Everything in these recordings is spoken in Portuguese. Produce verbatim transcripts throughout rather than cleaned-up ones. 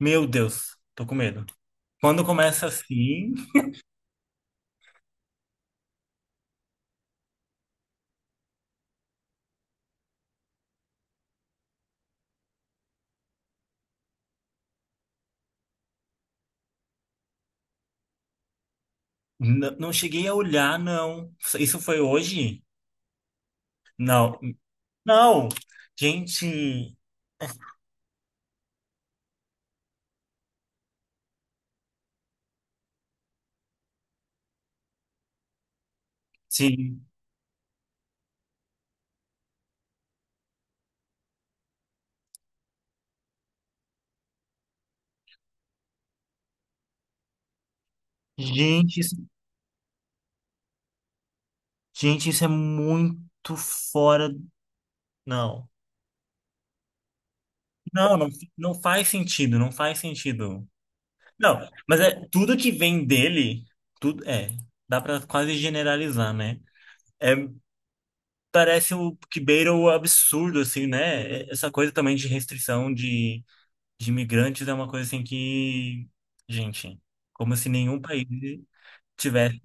Meu Deus, tô com medo. Quando começa assim, n- não cheguei a olhar, não. Isso foi hoje? Não. Não! Gente, sim. Gente, isso- gente, isso é muito fora. Não. Não, não, não faz sentido, não faz sentido. Não, mas é tudo que vem dele, tudo é, dá pra quase generalizar, né? É, parece o que beira o absurdo, assim, né? É, essa coisa também de restrição de de imigrantes é uma coisa assim que, gente, como se nenhum país tivesse.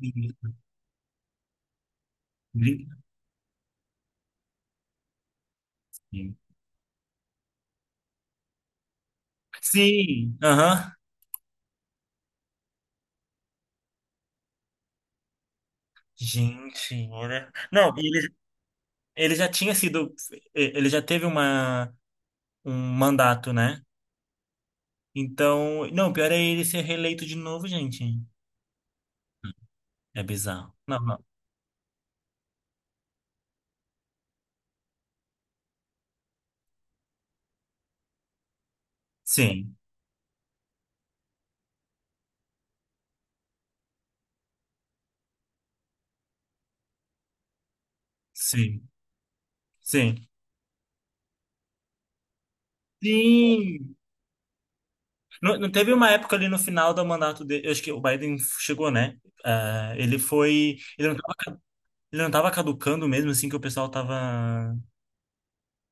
Sim, aham. Gente, olha. Não, e ele, ele já tinha sido. Ele já teve uma, um mandato, né? Então. Não, o pior é ele ser reeleito de novo, gente. É bizarro. Não, não. Sim, sim, sim. Sim! Não, não teve uma época ali no final do mandato dele. Eu acho que o Biden chegou, né? Ah, ele foi. Ele não estava. Ele não tava caducando mesmo, assim, que o pessoal tava,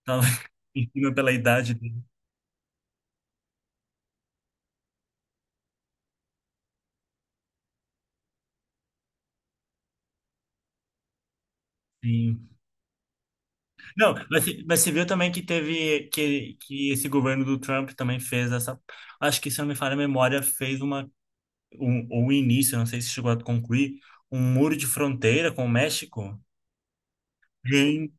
tava em cima pela idade dele. Sim. Não, mas, você- mas você viu também que teve, que, que esse governo do Trump também fez essa, acho que se eu não me falha a memória, fez uma, um, ou um início, eu não sei se chegou a concluir, um muro de fronteira com o México. Sim,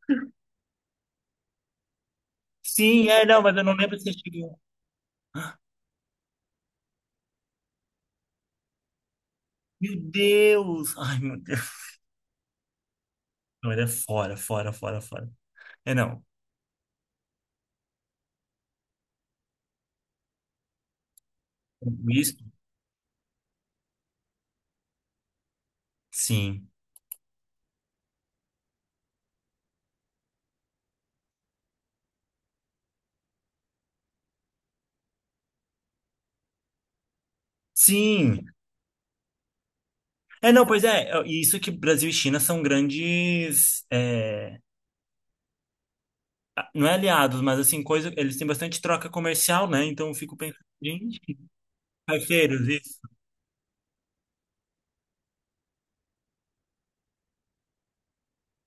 sim, é, não, mas eu não lembro se chegou. Meu Deus! Ai, meu Deus. Não, ele é fora, fora, fora, fora. É, não. Isso? Sim. Sim, é, não, pois é, e isso que Brasil e China são grandes, é, não é aliados, mas assim, coisa, eles têm bastante troca comercial, né? Então eu fico pensando, gente, parceiros, isso.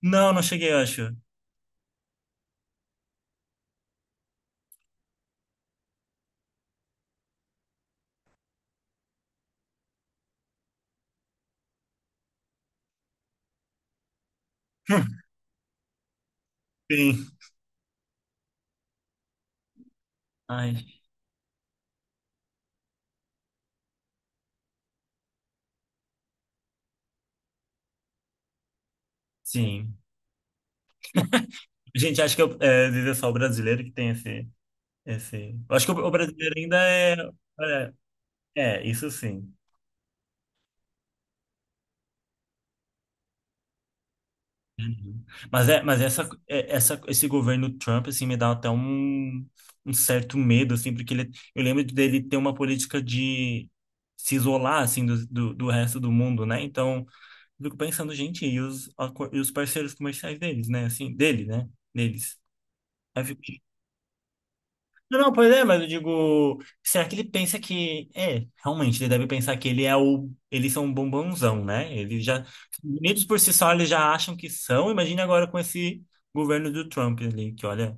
Não, não cheguei, eu acho. Sim. Ai, sim. Gente, acho que eu, é, às vezes é só o brasileiro que tem esse, esse... eu acho que o, o brasileiro ainda é, é, é, isso sim. Uhum. Mas é, mas essa, é- essa, esse governo Trump, assim, me dá até um, um certo medo, assim, porque ele, eu lembro dele ter uma política de se isolar, assim, do, do, do resto do mundo, né? Então, eu fico pensando, gente, e os, acor- e os parceiros comerciais deles, né? Assim, dele, né? Deles. Não, não, pois é, mas eu digo, será que ele pensa que, é, realmente, ele deve pensar que ele é o, eles são um bombonzão, né? Eles já, bonitos por si só, eles já acham que são, imagina agora com esse governo do Trump ali, que olha,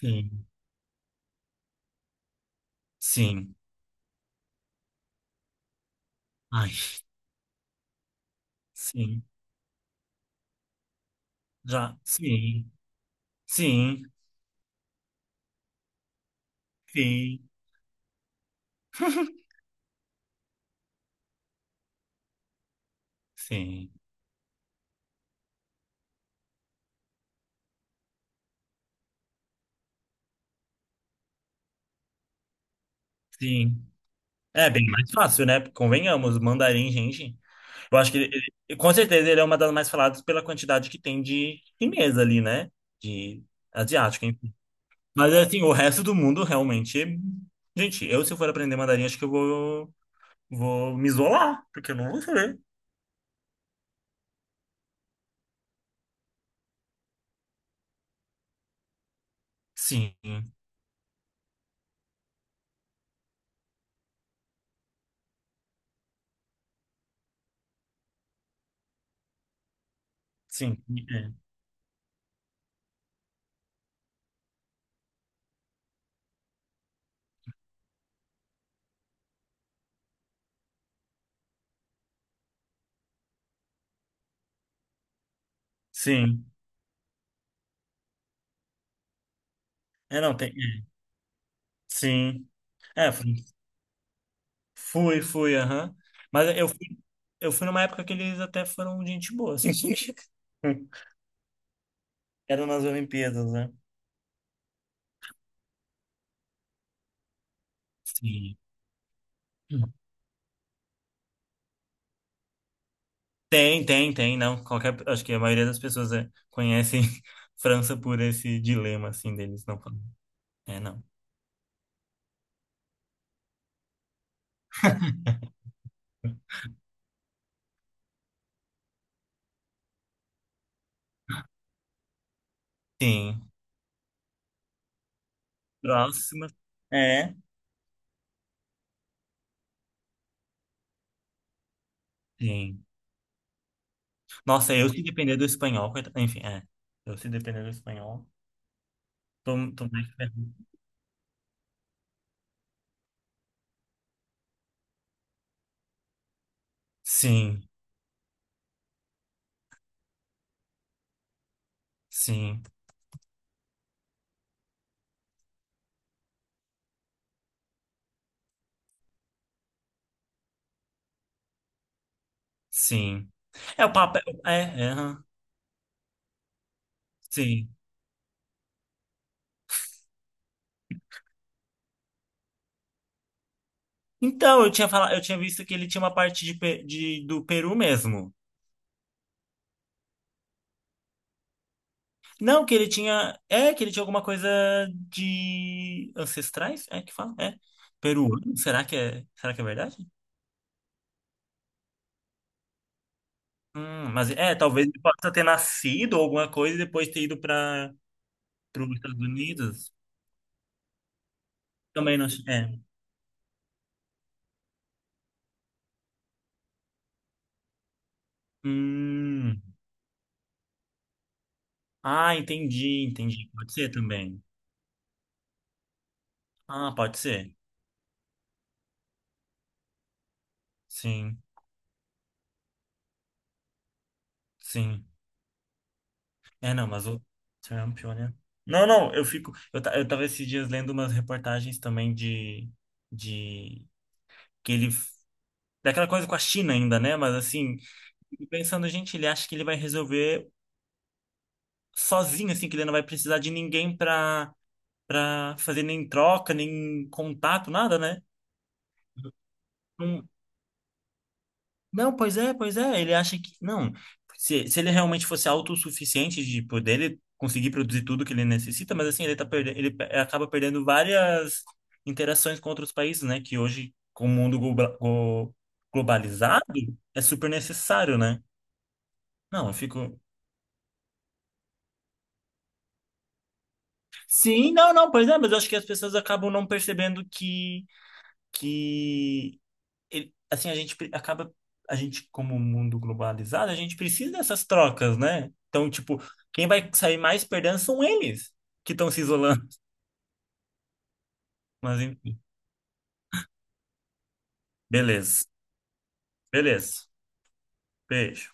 sim, sim, ai, sim, já, sim, sim, sim, sim, sim. É bem mais fácil, né? Convenhamos, mandarim, gente. Eu acho que ele, ele- com certeza ele é uma das mais faladas pela quantidade que tem de chinês ali, né? De asiático, enfim. Mas assim, o resto do mundo realmente. Gente, eu se for aprender mandarim, acho que eu vou, vou me isolar, porque eu não vou saber. Sim, sim, é, sim. É, não, tem. É, sim. É, fui, fui, fui, aham. Mas eu fui, eu fui numa época que eles até foram gente boa, assim. Eram nas Olimpíadas, né? Sim. Tem, tem, tem, não. Qualquer, acho que a maioria das pessoas é, conhecem França por esse dilema, assim, deles não falam. É, não. Sim. Próxima. É. Sim. Nossa, eu se depender do espanhol, coitado. Enfim, é. Eu se depender do espanhol, tô, tô mais ferrado. Sim, sim, sim. É o papel. É, é, é, aham. Sim. Então, eu tinha falado, eu tinha visto que ele tinha uma parte de, Pe- de- do Peru mesmo. Não, que ele tinha. É, que ele tinha alguma coisa de ancestrais? É que fala? É. Peruano? Será que é, será que é verdade? Hum, mas é, talvez ele possa ter nascido ou alguma coisa e depois ter ido para os Estados Unidos. Também não. É. Hum. Ah, entendi, entendi. Pode ser também. Ah, pode ser. Sim, sim. É, não, mas o Trump, olha. Não, não, eu fico. Eu, ta- eu tava esses dias lendo umas reportagens também de. de que ele daquela coisa com a China ainda, né? Mas assim, fico pensando, gente, ele acha que ele vai resolver sozinho, assim, que ele não vai precisar de ninguém pra, pra fazer nem troca, nem contato, nada, né? Não, não, pois é, pois é. Ele acha que. Não. Se, se ele realmente fosse autossuficiente de poder, ele conseguir produzir tudo que ele necessita, mas assim, ele tá perdendo, ele pe- acaba perdendo várias interações com outros países, né? Que hoje, com o mundo globa- go- globalizado, é super necessário, né? Não, eu fico. Sim, não, não, pois é, mas eu acho que as pessoas acabam não percebendo que, que ele- assim, a gente pre- acaba, a gente, como um mundo globalizado, a gente precisa dessas trocas, né? Então, tipo, quem vai sair mais perdendo são eles que estão se isolando. Mas, enfim, beleza, beleza. Beijo.